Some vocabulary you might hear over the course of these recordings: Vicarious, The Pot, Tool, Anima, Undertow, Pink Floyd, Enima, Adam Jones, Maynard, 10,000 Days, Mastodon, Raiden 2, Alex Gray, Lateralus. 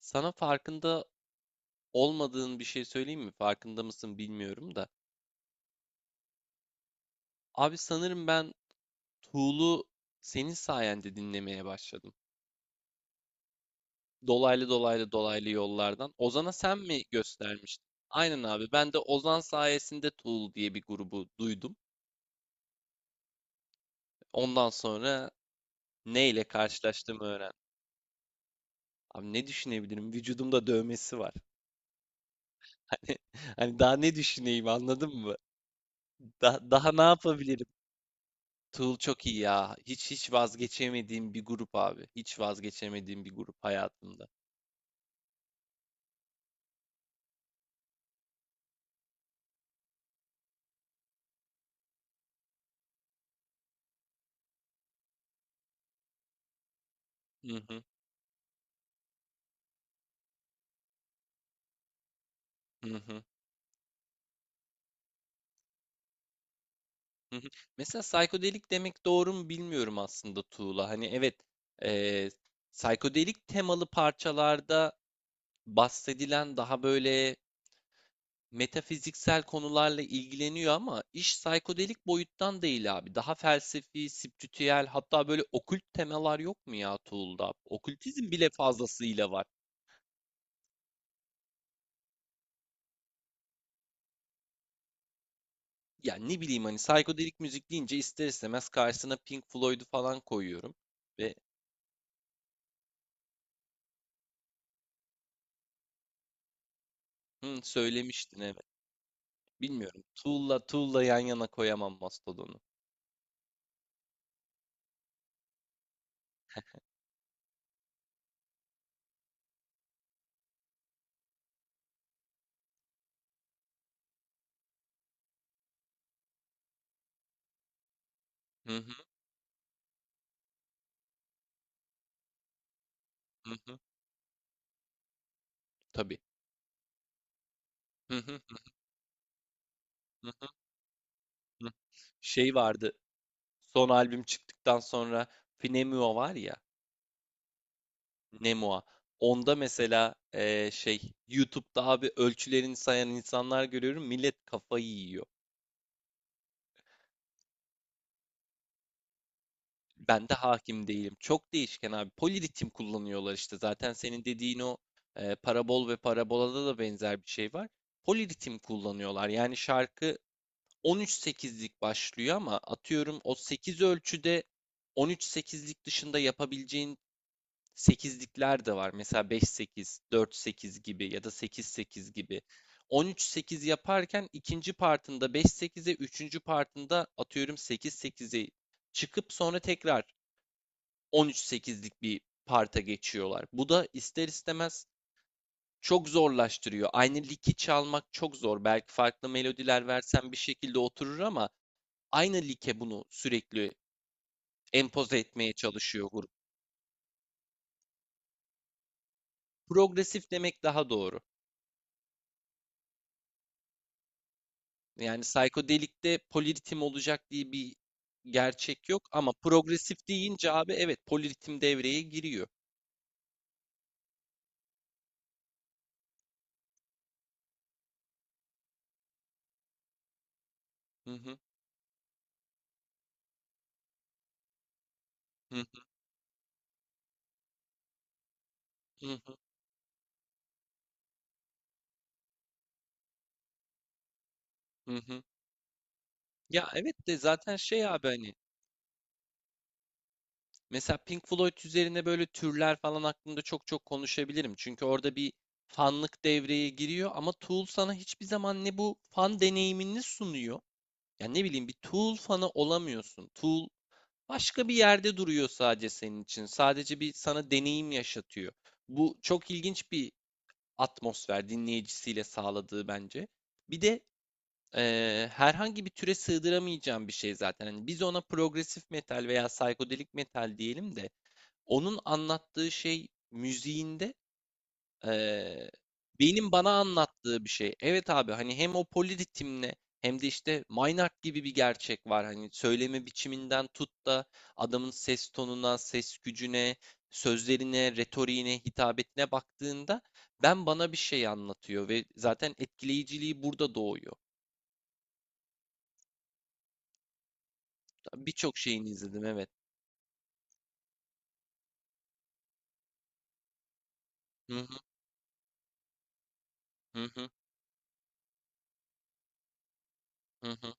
Sana farkında olmadığın bir şey söyleyeyim mi? Farkında mısın bilmiyorum da. Abi sanırım ben Tool'u senin sayende dinlemeye başladım. Dolaylı dolaylı dolaylı yollardan. Ozan'a sen mi göstermiştin? Aynen abi. Ben de Ozan sayesinde Tool diye bir grubu duydum. Ondan sonra neyle karşılaştığımı öğrendim. Abi ne düşünebilirim? Vücudumda dövmesi var. Hani, hani daha ne düşüneyim anladın mı? Daha ne yapabilirim? Tool çok iyi ya. Hiç vazgeçemediğim bir grup abi. Hiç vazgeçemediğim bir grup hayatımda. Hı hı, hı hı, hı hı. Mesela psikodelik demek doğru mu bilmiyorum aslında Tuğla. Hani evet, eee psikodelik temalı parçalarda bahsedilen daha böyle metafiziksel konularla ilgileniyor ama iş psikodelik boyuttan değil abi. Daha felsefi, spiritüel hatta böyle okült temalar yok mu ya Tuğla'da? Okültizm bile fazlasıyla var. Yani ne bileyim hani psikodelik müzik deyince ister istemez karşısına Pink Floyd'u falan koyuyorum. Ve hı, söylemiştin evet. Bilmiyorum. Tool'la yan yana koyamam Mastodon'u. Hı hı hı hı. Tabii. Hı hı hı hı. Hı. Şey vardı. Son albüm çıktıktan sonra Finemua var ya. Nemua. Onda mesela şey YouTube'da abi ölçülerini sayan insanlar görüyorum. Millet kafayı yiyor. Ben de hakim değilim. Çok değişken abi. Poliritim kullanıyorlar işte. Zaten senin dediğin o parabol ve parabolada da benzer bir şey var. Poliritim kullanıyorlar. Yani şarkı 13-8'lik başlıyor ama atıyorum o 8 ölçüde 13-8'lik dışında yapabileceğin 8'likler de var. Mesela 5-8, 4-8 gibi ya da 8-8 gibi. 13-8 yaparken ikinci partında 5-8'e, üçüncü partında atıyorum 8-8'e çıkıp sonra tekrar 13-8'lik bir parta geçiyorlar. Bu da ister istemez çok zorlaştırıyor. Aynı liki çalmak çok zor. Belki farklı melodiler versen bir şekilde oturur ama aynı like bunu sürekli empoze etmeye çalışıyor grup. Progresif demek daha doğru. Yani psikodelikte poliritim olacak diye bir gerçek yok ama progresif deyince abi evet poliritim devreye giriyor. Hı hı, hı hı, hı hı, hı hı. Ya evet de zaten şey abi hani mesela Pink Floyd üzerine böyle türler falan hakkında çok çok konuşabilirim. Çünkü orada bir fanlık devreye giriyor ama Tool sana hiçbir zaman ne bu fan deneyimini sunuyor. Yani ne bileyim bir Tool fanı olamıyorsun. Tool başka bir yerde duruyor sadece senin için. Sadece bir sana deneyim yaşatıyor. Bu çok ilginç bir atmosfer dinleyicisiyle sağladığı bence. Bir de herhangi bir türe sığdıramayacağım bir şey zaten. Hani biz ona progresif metal veya psikodelik metal diyelim de onun anlattığı şey müziğinde eee, benim bana anlattığı bir şey. Evet abi hani hem o poliritimle hem de işte Maynard gibi bir gerçek var. Hani söyleme biçiminden tut da adamın ses tonuna, ses gücüne, sözlerine, retoriğine, hitabetine baktığında ben bana bir şey anlatıyor ve zaten etkileyiciliği burada doğuyor. Birçok şeyini izledim evet. Hı hı hı hı hı hı.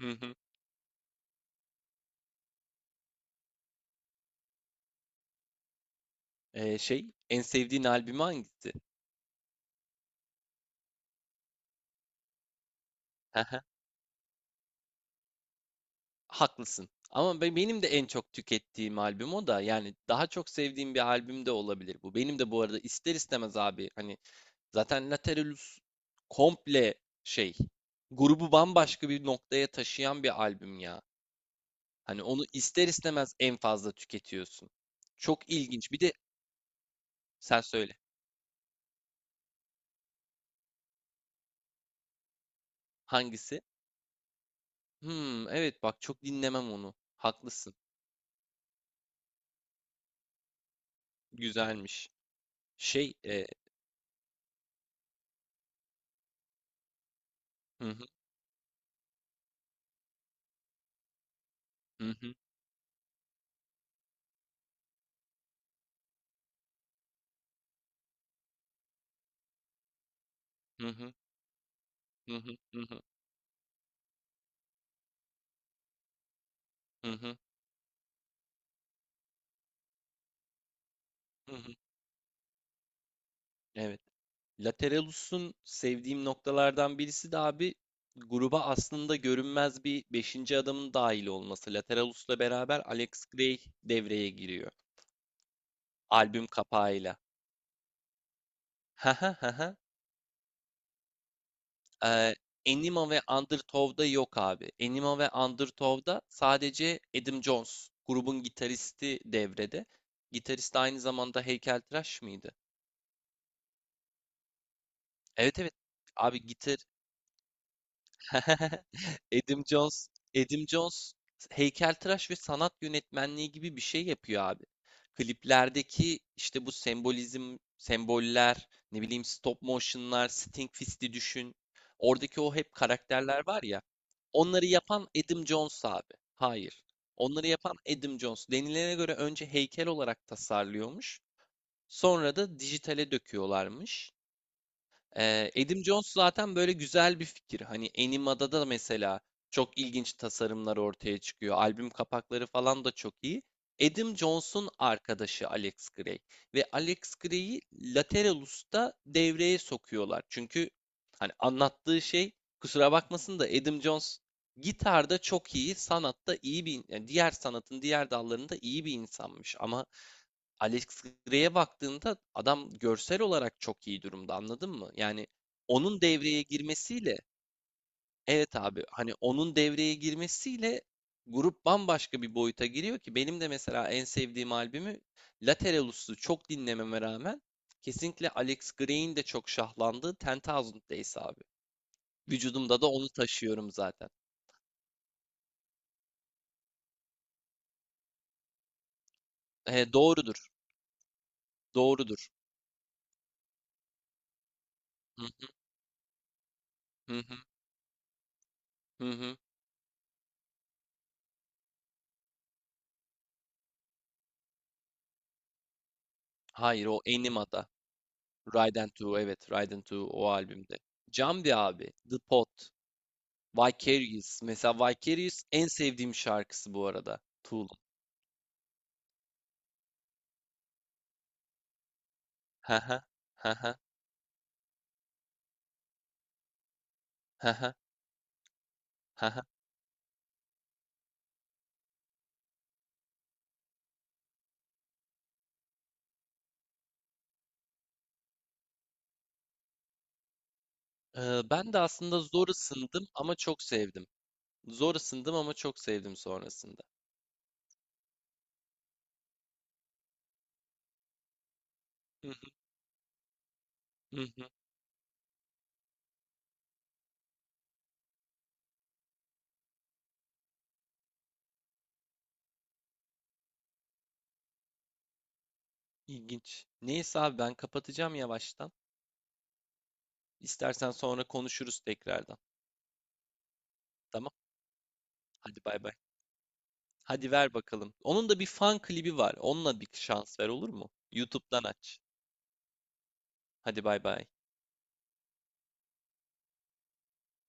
Hı hı. Şey en sevdiğin albümü hangisi? Haklısın. Ama benim de en çok tükettiğim albüm o da. Yani daha çok sevdiğim bir albüm de olabilir bu. Benim de bu arada ister istemez abi hani zaten Lateralus komple şey grubu bambaşka bir noktaya taşıyan bir albüm ya. Hani onu ister istemez en fazla tüketiyorsun. Çok ilginç. Bir de sen söyle. Hangisi? Hmm, evet bak çok dinlemem onu. Haklısın. Güzelmiş. Şey, hı hı hı hı hı hı hı hı hı hı hı. Hı. Evet. Lateralus'un sevdiğim noktalardan birisi de abi gruba aslında görünmez bir beşinci adamın dahil olması. Lateralus'la beraber Alex Gray devreye giriyor. Albüm kapağıyla. Ee, Enima ve Undertow'da yok abi. Enima ve Undertow'da sadece Adam Jones, grubun gitaristi devrede. Gitarist aynı zamanda heykeltıraş mıydı? Evet evet. Abi gitar Edim Jones, Edim Jones heykeltıraş ve sanat yönetmenliği gibi bir şey yapıyor abi. Kliplerdeki işte bu sembolizm, semboller, ne bileyim stop motion'lar, Sting Fist'i düşün. Oradaki o hep karakterler var ya. Onları yapan Edim Jones abi. Hayır. Onları yapan Edim Jones. Denilene göre önce heykel olarak tasarlıyormuş. Sonra da dijitale döküyorlarmış. Adam Jones zaten böyle güzel bir fikir. Hani Anima'da da mesela çok ilginç tasarımlar ortaya çıkıyor. Albüm kapakları falan da çok iyi. Adam Jones'un arkadaşı Alex Gray ve Alex Gray'i Lateralus'ta devreye sokuyorlar. Çünkü hani anlattığı şey kusura bakmasın da Adam Jones gitarda çok iyi, sanatta iyi bir yani diğer sanatın diğer dallarında iyi bir insanmış ama Alex Grey'e baktığında adam görsel olarak çok iyi durumda anladın mı? Yani onun devreye girmesiyle evet abi hani onun devreye girmesiyle grup bambaşka bir boyuta giriyor ki benim de mesela en sevdiğim albümü Lateralus'u çok dinlememe rağmen kesinlikle Alex Grey'in de çok şahlandığı 10.000 Days abi. Vücudumda da onu taşıyorum zaten. Doğrudur. Doğrudur. Hı hı hı. Hı. Hayır o Anima'da. Raiden 2 evet Raiden 2 o albümde. Jamdi abi, The Pot, Vicarious. Mesela Vicarious en sevdiğim şarkısı bu arada. Tool'un. Haha, haha, haha, haha. Ben de aslında zor ısındım ama çok sevdim. Zor ısındım ama çok sevdim sonrasında. Hı hı, hı hı. İlginç. Neyse abi ben kapatacağım yavaştan. İstersen sonra konuşuruz tekrardan. Tamam. Hadi bay bay. Hadi ver bakalım. Onun da bir fan klibi var. Onunla bir şans ver olur mu? YouTube'dan aç. Hadi bay bay.